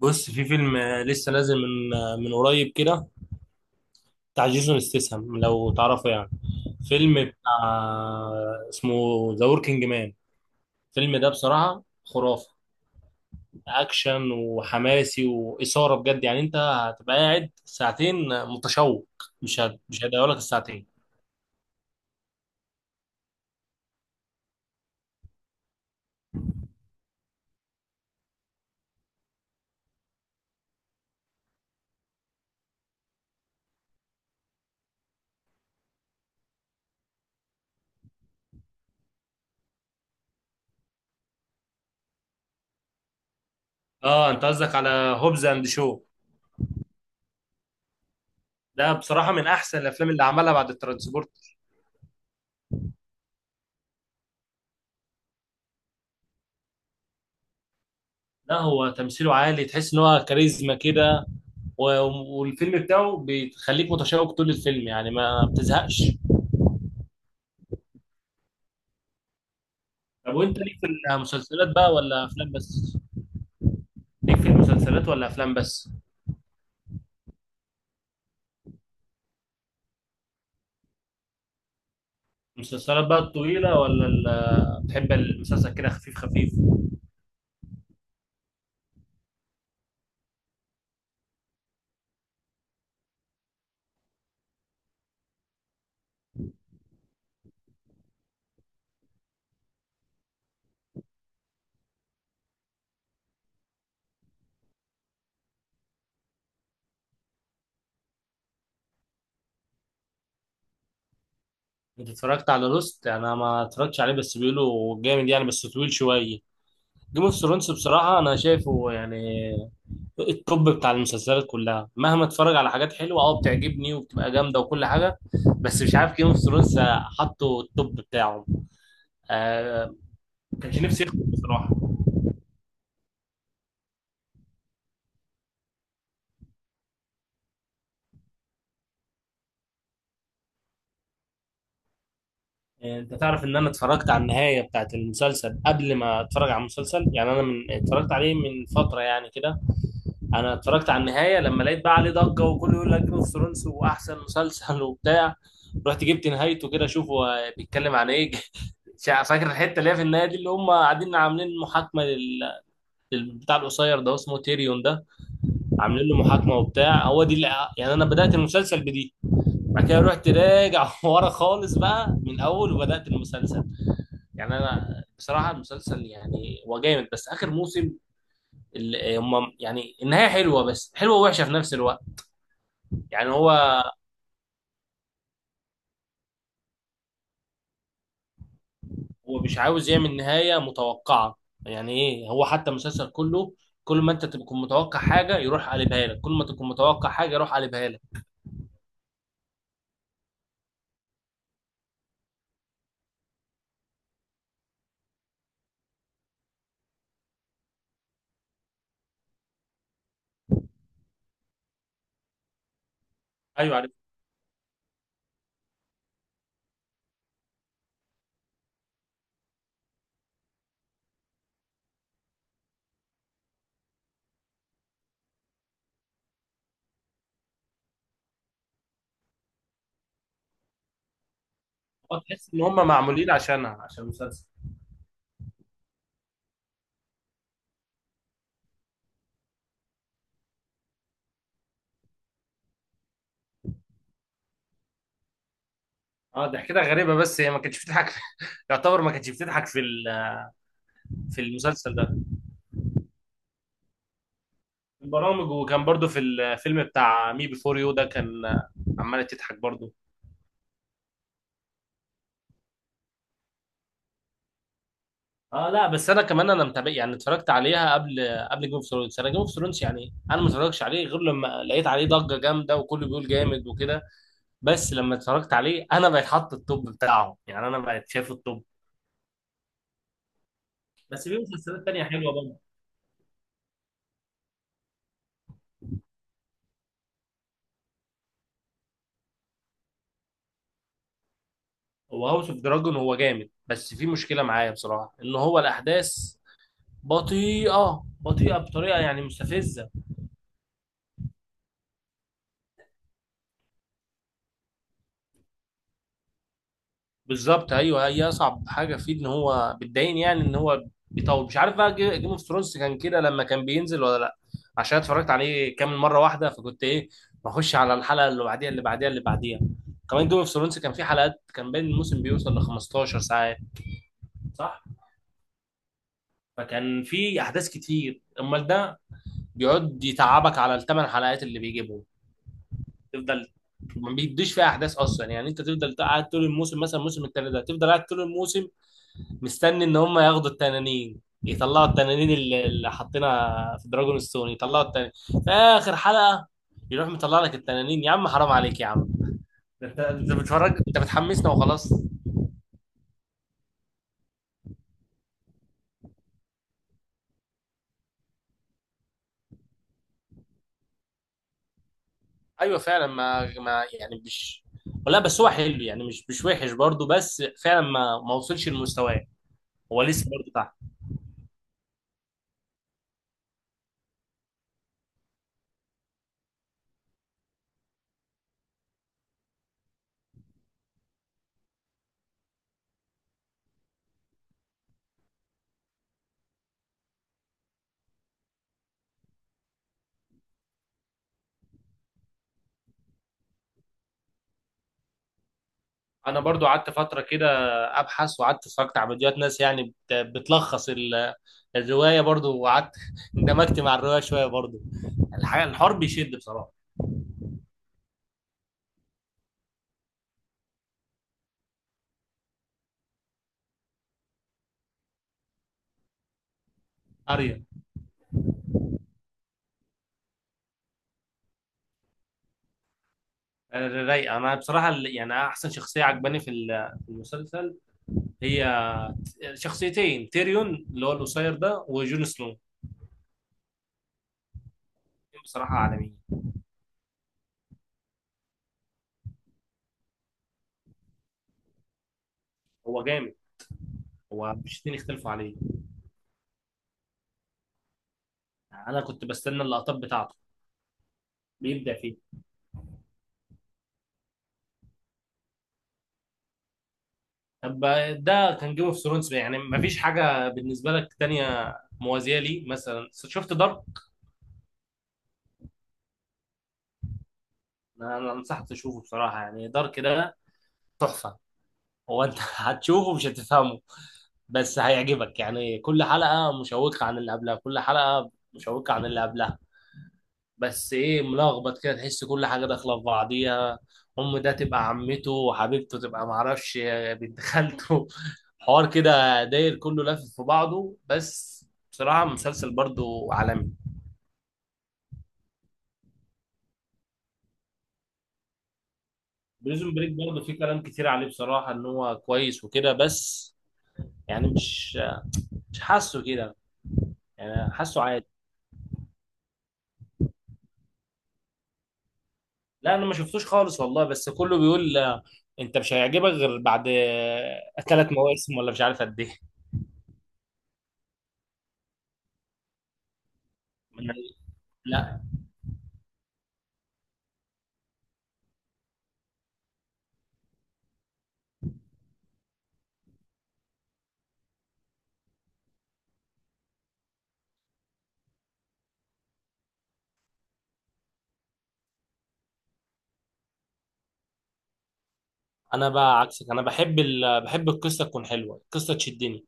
بص، في فيلم لسه نازل من من قريب كده، بتاع جيسون استسهم لو تعرفه يعني. فيلم بتاع اسمه ذا وركينج مان. الفيلم ده بصراحة خرافة، أكشن وحماسي وإثارة بجد، يعني أنت هتبقى قاعد ساعتين متشوق. مش هيضيعوا لك الساعتين. اه، انت قصدك على هوبز اند شو؟ ده بصراحة من أحسن الأفلام اللي عملها بعد الترانسبورت. لا، هو تمثيله عالي، تحس ان هو كاريزما كده. و- والفيلم بتاعه بيخليك متشوق طول الفيلم، يعني ما بتزهقش. طب وانت ليك في المسلسلات بقى ولا افلام بس؟ ليك في المسلسلات ولا افلام بس؟ المسلسلات بقى الطويلة ولا بتحب المسلسل كده خفيف خفيف؟ انت اتفرجت على لوست؟ انا ما اتفرجتش عليه، بس بيقولوا جامد يعني، بس طويل شوية. جيم اوف ثرونز بصراحة انا شايفه يعني التوب بتاع المسلسلات كلها، مهما اتفرج على حاجات حلوه اه بتعجبني وبتبقى جامده وكل حاجه، بس مش عارف، جيم اوف ثرونز حطوا التوب بتاعه. آه، ما كانش نفسي يخرج بصراحه. انت تعرف ان انا اتفرجت على النهايه بتاعت المسلسل قبل ما اتفرج على المسلسل؟ يعني انا من اتفرجت عليه من فتره يعني كده. انا اتفرجت على النهايه لما لقيت بقى عليه ضجه وكله يقول لك جيم اوف ثرونز واحسن مسلسل وبتاع. رحت جبت نهايته كده اشوفه بيتكلم عن ايه فاكر الحته اللي هي في النهايه دي اللي هم قاعدين عاملين محاكمه بتاع القصير ده اسمه تيريون ده، عاملين له محاكمه وبتاع، هو دي اللي يعني انا بدات المسلسل بدي. بعد كده رحت راجع ورا خالص بقى من اول وبدات المسلسل. يعني انا بصراحه المسلسل يعني هو جامد، بس اخر موسم اللي هم يعني النهايه حلوه، بس حلوه ووحشه في نفس الوقت. يعني هو، هو مش عاوز يعمل نهاية متوقعة، يعني ايه. هو حتى المسلسل كله كل ما انت تكون متوقع حاجة يروح قلبها لك، كل ما تكون متوقع حاجة يروح قلبها لك. ايوه عارف. هو تحس ان هم معمولين عشانها عشان المسلسل. اه، ده كده غريبة بس هي ما كانتش بتضحك يعتبر ما كانتش بتضحك في في المسلسل ده. في البرامج، وكان برضو في الفيلم بتاع مي بيفور يو ده، كان عمالة تضحك برضو. اه، لا بس انا كمان انا متابع، يعني اتفرجت عليها قبل جيم اوف ثرونز. انا جيم اوف ثرونز يعني انا ما اتفرجش عليه غير لما لقيت عليه ضجه جامده وكله بيقول جامد وكده. بس لما اتفرجت عليه انا بقيت حاطط التوب بتاعه، يعني انا بقيت شايف التوب. بس في مسلسلات تانية حلوه برضه. هو هاوس اوف دراجون هو جامد، بس في مشكله معايا بصراحه ان هو الاحداث بطيئه بطيئه بطريقه يعني مستفزه. بالظبط ايوه، هي اصعب حاجه فيه ان هو بتضايقني يعني ان هو بيطول. مش عارف بقى جيم اوف ثرونز كان كده لما كان بينزل ولا لا، عشان اتفرجت عليه كامل مره واحده، فكنت ايه، بخش على الحلقه اللي بعديها اللي بعديها اللي بعديها. كمان جيم اوف ثرونز كان فيه حلقات، كان بين الموسم بيوصل ل 15 ساعات، صح؟ فكان فيه احداث كتير. امال ده بيقعد يتعبك على الثمان حلقات اللي بيجيبهم، تفضل ما بيديش فيها احداث اصلا، يعني انت تفضل قاعد طول الموسم مثلا الموسم التالت ده، تفضل قاعد طول الموسم مستني ان هم ياخدوا التنانين، يطلعوا التنانين اللي حاطينها في دراجون ستون، يطلعوا التنانين في اخر حلقه. يروح مطلع لك التنانين، يا عم حرام عليك يا عم، ده انت، انت بتفرج، انت بتحمسنا وخلاص. ايوه فعلا ما يعني مش، ولا بس هو حلو يعني مش وحش برضه، بس فعلا ما وصلش لمستواه، هو لسه برضه تحت. انا برضو قعدت فتره كده ابحث، وقعدت اتفرجت على فيديوهات ناس يعني بتلخص الروايه برضو، وقعدت اندمجت مع الروايه شويه برضو. الحاجه، الحوار بيشد بصراحه. اريا. رايقه. انا بصراحه يعني احسن شخصيه عجباني في في المسلسل هي شخصيتين، تيريون اللي هو القصير ده وجون سنو، بصراحه عالميين. هو جامد، هو مش اتنين يختلفوا عليه. انا كنت بستنى اللقطات بتاعته بيبدع فيه. طب، ده كان جيم اوف ثرونز، يعني مفيش حاجه بالنسبه لك تانية موازيه لي؟ مثلا شفت دارك؟ انا انصحك تشوفه بصراحه، يعني دارك ده تحفه. هو انت هتشوفه مش هتفهمه، بس هيعجبك، يعني كل حلقة مشوقة عن اللي قبلها، كل حلقة مشوقة عن اللي قبلها. بس ايه، ملخبط كده، تحس كل حاجة داخلة في بعضيها. أم ده تبقى عمته، وحبيبته تبقى معرفش بنت خالته حوار كده داير كله لافف في بعضه بس، بصراحة مسلسل برضو عالمي. بريزون بريك برضو في كلام كتير عليه بصراحة إن هو كويس وكده، بس يعني مش، مش حاسه كده، يعني حاسه عادي. لا انا ما شفتوش خالص والله، بس كله بيقول انت مش هيعجبك غير بعد ثلاث مواسم ولا مش عارف قد ايه. أنا- لا انا بقى عكسك، انا بحب بحب القصه تكون حلوه، القصه تشدني.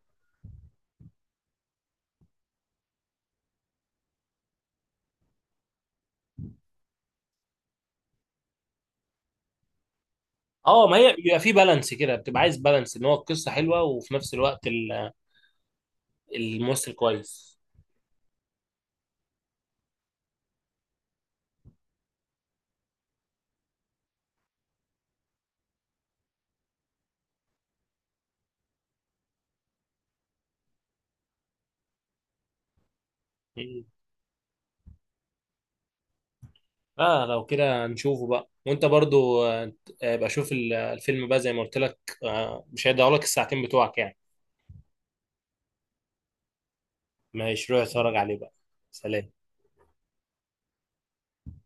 اه ما هي بيبقى في بالانس كده، بتبقى عايز بالانس ان هو القصه حلوه وفي نفس الوقت الممثل كويس. مم. اه، لو كده نشوفه بقى. وانت برضو ابقى شوف الفيلم بقى زي ما قلت لك، مش هيضيعوا لك الساعتين بتوعك يعني. ماشي، روح اتفرج عليه بقى. سلام.